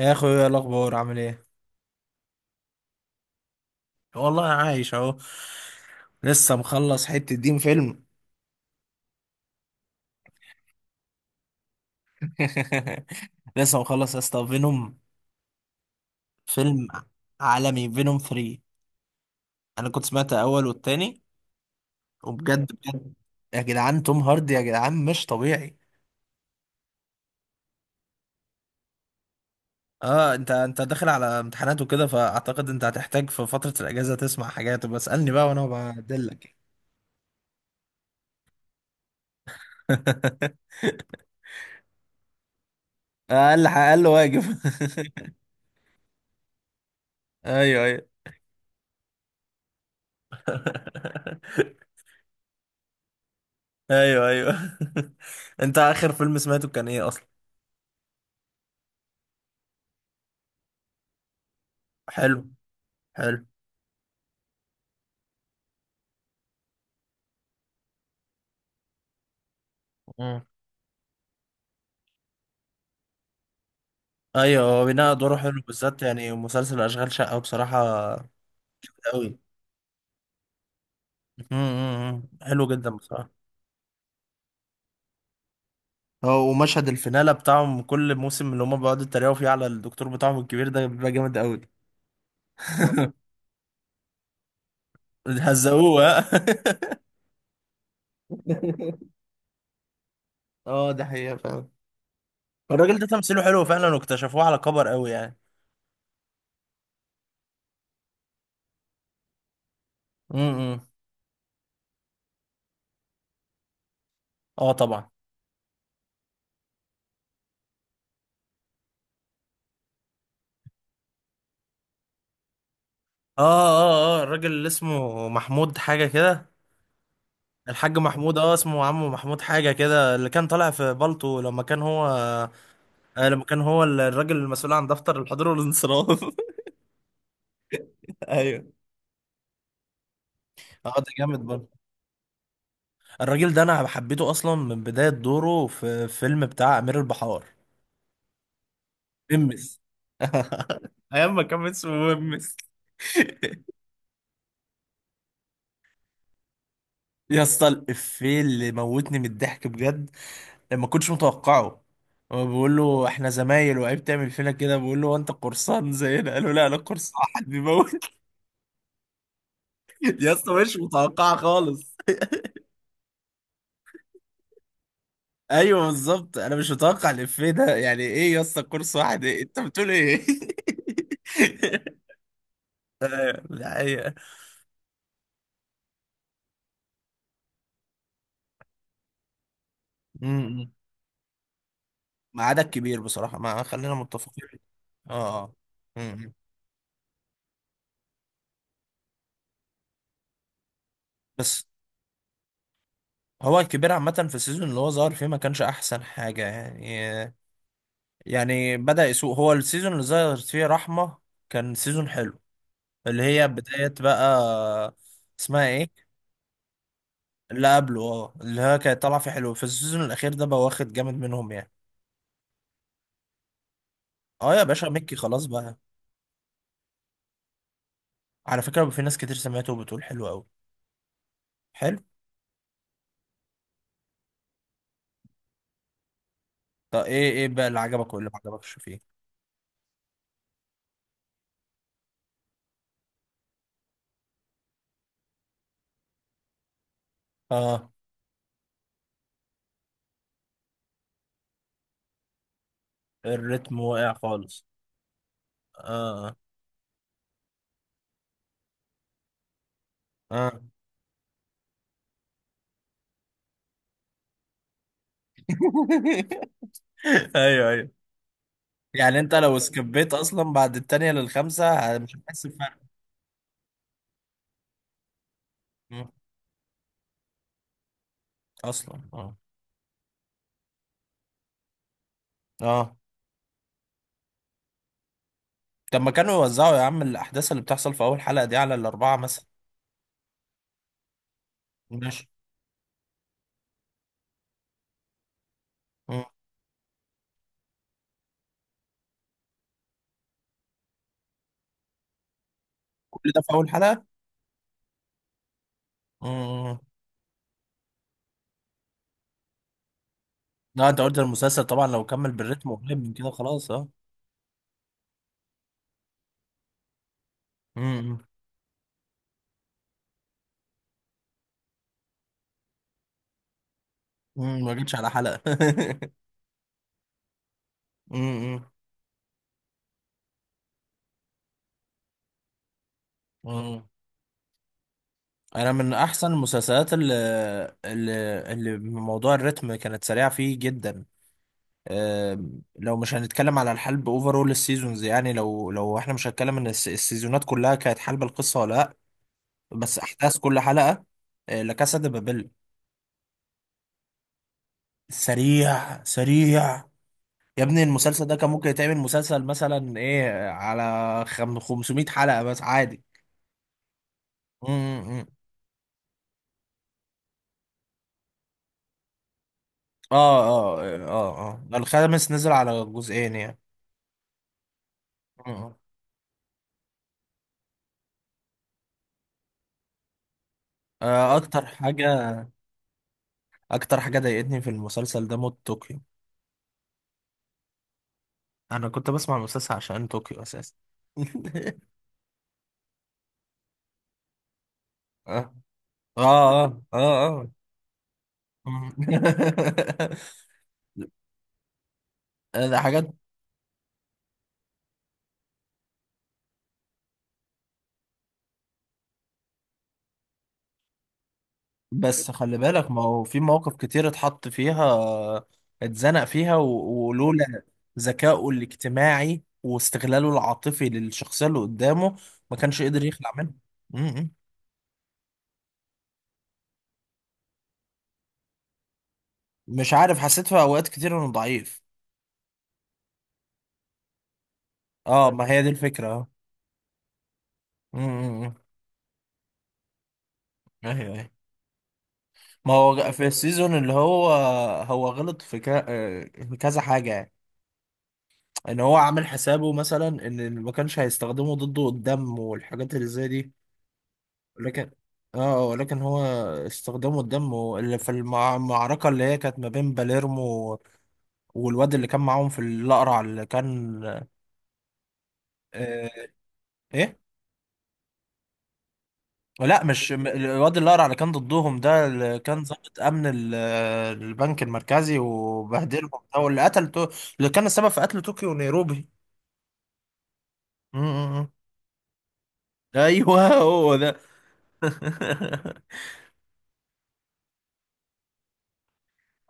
يا اخويا إيه الاخبار عامل ايه؟ والله انا عايش اهو. لسه مخلص حتة دين فيلم. لسه مخلص يا اسطى فينوم، فيلم عالمي فينوم 3. انا كنت سمعت الاول والتاني، وبجد بجد يا جدعان، توم هاردي يا جدعان مش طبيعي. اه انت داخل على امتحانات وكده، فاعتقد انت هتحتاج في فترة الاجازة تسمع حاجات. بسألني بقى وانا بدلك. اقل اقل واجب. ايوه ايوه. ايوه ايوه. انت اخر فيلم سمعته كان ايه اصلا؟ حلو، حلو. مم. ايوه، هو بناء دوره حلو، بالذات يعني مسلسل اشغال شقه بصراحه. قوي، حلو جدا بصراحه. هو ومشهد الفينالة بتاعهم كل موسم، اللي هم بيقعدوا يتريقوا فيه على الدكتور بتاعهم الكبير ده، بيبقى جامد قوي. هزقوه ها. اه، ده حقيقة فعلا. الراجل ده تمثيله حلو فعلا، واكتشفوه على كبر قوي يعني. امم. اه طبعا. اه اه اه، الراجل اللي اسمه محمود حاجة كده، الحاج محمود، اه اسمه عمو محمود حاجة كده، اللي كان طالع في بالطو لما كان هو، آه لما كان هو الراجل المسؤول عن دفتر الحضور والانصراف. ايوه. اه ده جامد برضه. الراجل ده انا حبيته اصلا من بداية دوره في فيلم بتاع امير البحار، ممس. ايام ما كان اسمه ممس. يا اسطى، الافيه اللي موتني من الضحك بجد، لما كنتش متوقعه. هو بيقول له احنا زمايل وعيب تعمل فينا كده، بيقول له هو انت قرصان زينا، قال له لا انا قرصان حد بيموت. يا اسطى مش متوقعه خالص. ايوه بالظبط، انا مش متوقع الافيه ده، يعني ايه يا اسطى كورس واحد إيه؟ انت بتقول ايه؟ أيوة، دي حقيقة. أمم. ميعادك كبير بصراحة، ما خلينا متفقين. اه اه. أمم. بس هو الكبير عامة في السيزون اللي هو ظهر فيه ما كانش أحسن حاجة يعني. يعني بدأ يسوق هو السيزون اللي ظهر فيه رحمة، كان سيزون حلو، اللي هي بداية بقى، اسمها ايه، اللي قبله. اه، اللي هو كانت طالعه فيه حلو في السيزون الاخير ده بقى، واخد جامد منهم يعني. اه يا باشا، ميكي خلاص بقى. على فكره بقى في ناس كتير سمعته وبتقول حلو قوي. حلو. طب ايه ايه بقى اللي عجبك واللي ما عجبكش فيه؟ اه، الريتم واقع خالص. اه اه. ايوه ايوه. يعني انت لو سكبيت اصلا بعد التانية للخامسة مش هتحس بفرق. مم. اصلا اه. اه طب ما كانوا يوزعوا يا عم الاحداث اللي بتحصل في اول حلقة دي على الاربعة مثلا. ماشي. مم. كل ده في اول حلقة؟ مم. لا انت قلت المسلسل طبعا لو كمل بالريتم قريب من كده خلاص، اه. امم. امم، ما جيتش على حلقة. امم. امم، انا من احسن المسلسلات اللي، اللي اللي من موضوع الريتم كانت سريعة فيه جدا، آم، لو مش هنتكلم على الحلب اوفرول السيزونز، يعني لو احنا مش هنتكلم ان السيزونات كلها كانت حلب القصة ولا لا، بس احداث كل حلقة، آه، لا كاسا دي بابل. سريع سريع. يا ابني المسلسل ده كان ممكن يتعمل مسلسل مثلا ايه على 500 حلقة بس عادي. م- م- م. اه اه. اه اه، الخامس نزل على جزئين يعني. م- م. آه، اكتر حاجة. اكتر حاجة ضايقتني في المسلسل ده موت، طوكيو. انا كنت بسمع المسلسل عشان طوكيو اساسا. اه اه اه اه آه. م. ده حاجات. بس خلي بالك ما هو في مواقف كتير اتحط فيها، اتزنق فيها ولولا ذكائه الاجتماعي واستغلاله العاطفي للشخصية اللي قدامه ما كانش قدر يخلع منها. م- م. مش عارف، حسيت في اوقات كتير انه ضعيف. اه، ما هي دي الفكرة اه. م- م- م. ايوه ايوه. ما هو في السيزون اللي هو، هو غلط في آه، في كذا حاجة يعني. ان هو عامل حسابه مثلا ان ما كانش هيستخدمه ضده قدام والحاجات اللي زي دي، لكن اه آه، لكن هو استخدمه الدم اللي في المعركة اللي هي كانت ما بين باليرمو والواد اللي كان معاهم في الأقرع اللي كان. آه. ايه. لا مش الواد الأقرع اللي كان ضدهم ده، اللي كان ضابط أمن البنك المركزي وبهدلهم ده، واللي قتل اللي كان السبب في قتل طوكيو ونيروبي. م- م- م. ايوه هو ده.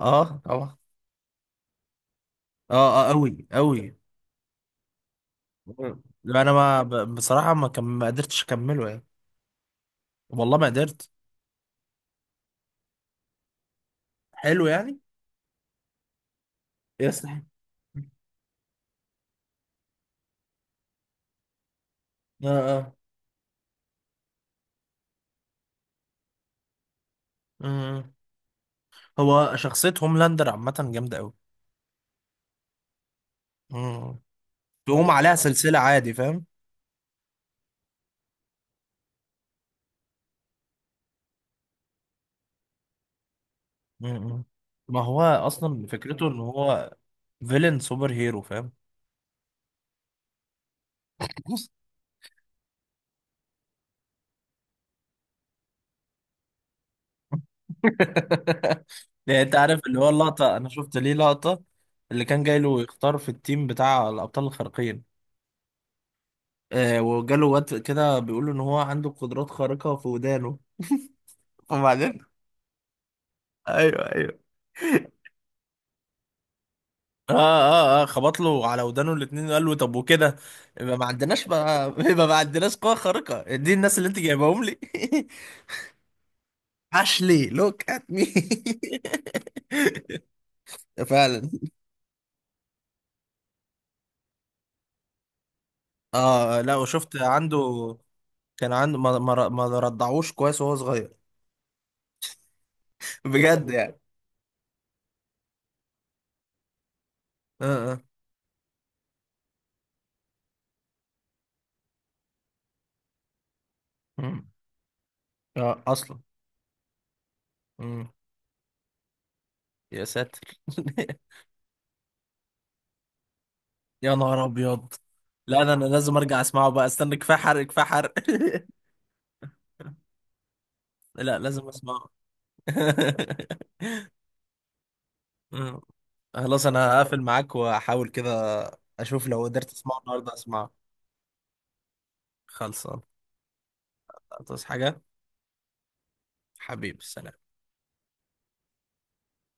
اه طبعا. اه اه قوي قوي. لا انا ما ب- بصراحة ما قدرتش اكمله يعني. والله ما قدرت. حلو يعني، يستحق. اه اه آه. هو شخصية هوملاندر عامة جامدة أوي. مم. تقوم عليها سلسلة عادي، فاهم. مم. ما هو أصلا فكرته إن هو فيلن سوبر هيرو، فاهم. يعني أنت عارف اللي هو اللقطة، أنا شفت ليه لقطة، اللي كان جاي له يختار في التيم بتاع الأبطال الخارقين، آه وجاله واد كده بيقول له إن هو عنده قدرات خارقة في ودانه، وبعدين ايوه ايوه. اه اه اه، خبط له على ودانه الاتنين وقال له طب وكده يبقى ما عندناش بقى، يبقى ما عندناش قوة خارقة، دي الناس اللي انت جايبهم لي. اشلي لوك ات مي. فعلا. اه لا، وشفت عنده كان عنده، ما رضعوش كويس وهو صغير. بجد يعني. اه اه. مم. اه اصلا. مم. يا ساتر. يا نهار ابيض. لا انا أنا لازم ارجع اسمعه بقى، استنى، كفايه حرق كفايه حرق. لا لازم اسمعه. مم. خلاص انا هقفل معاك واحاول كده، اشوف لو قدرت اسمعه النهارده اسمعه. خلصان. تصحى حاجه. حبيبي، سلام.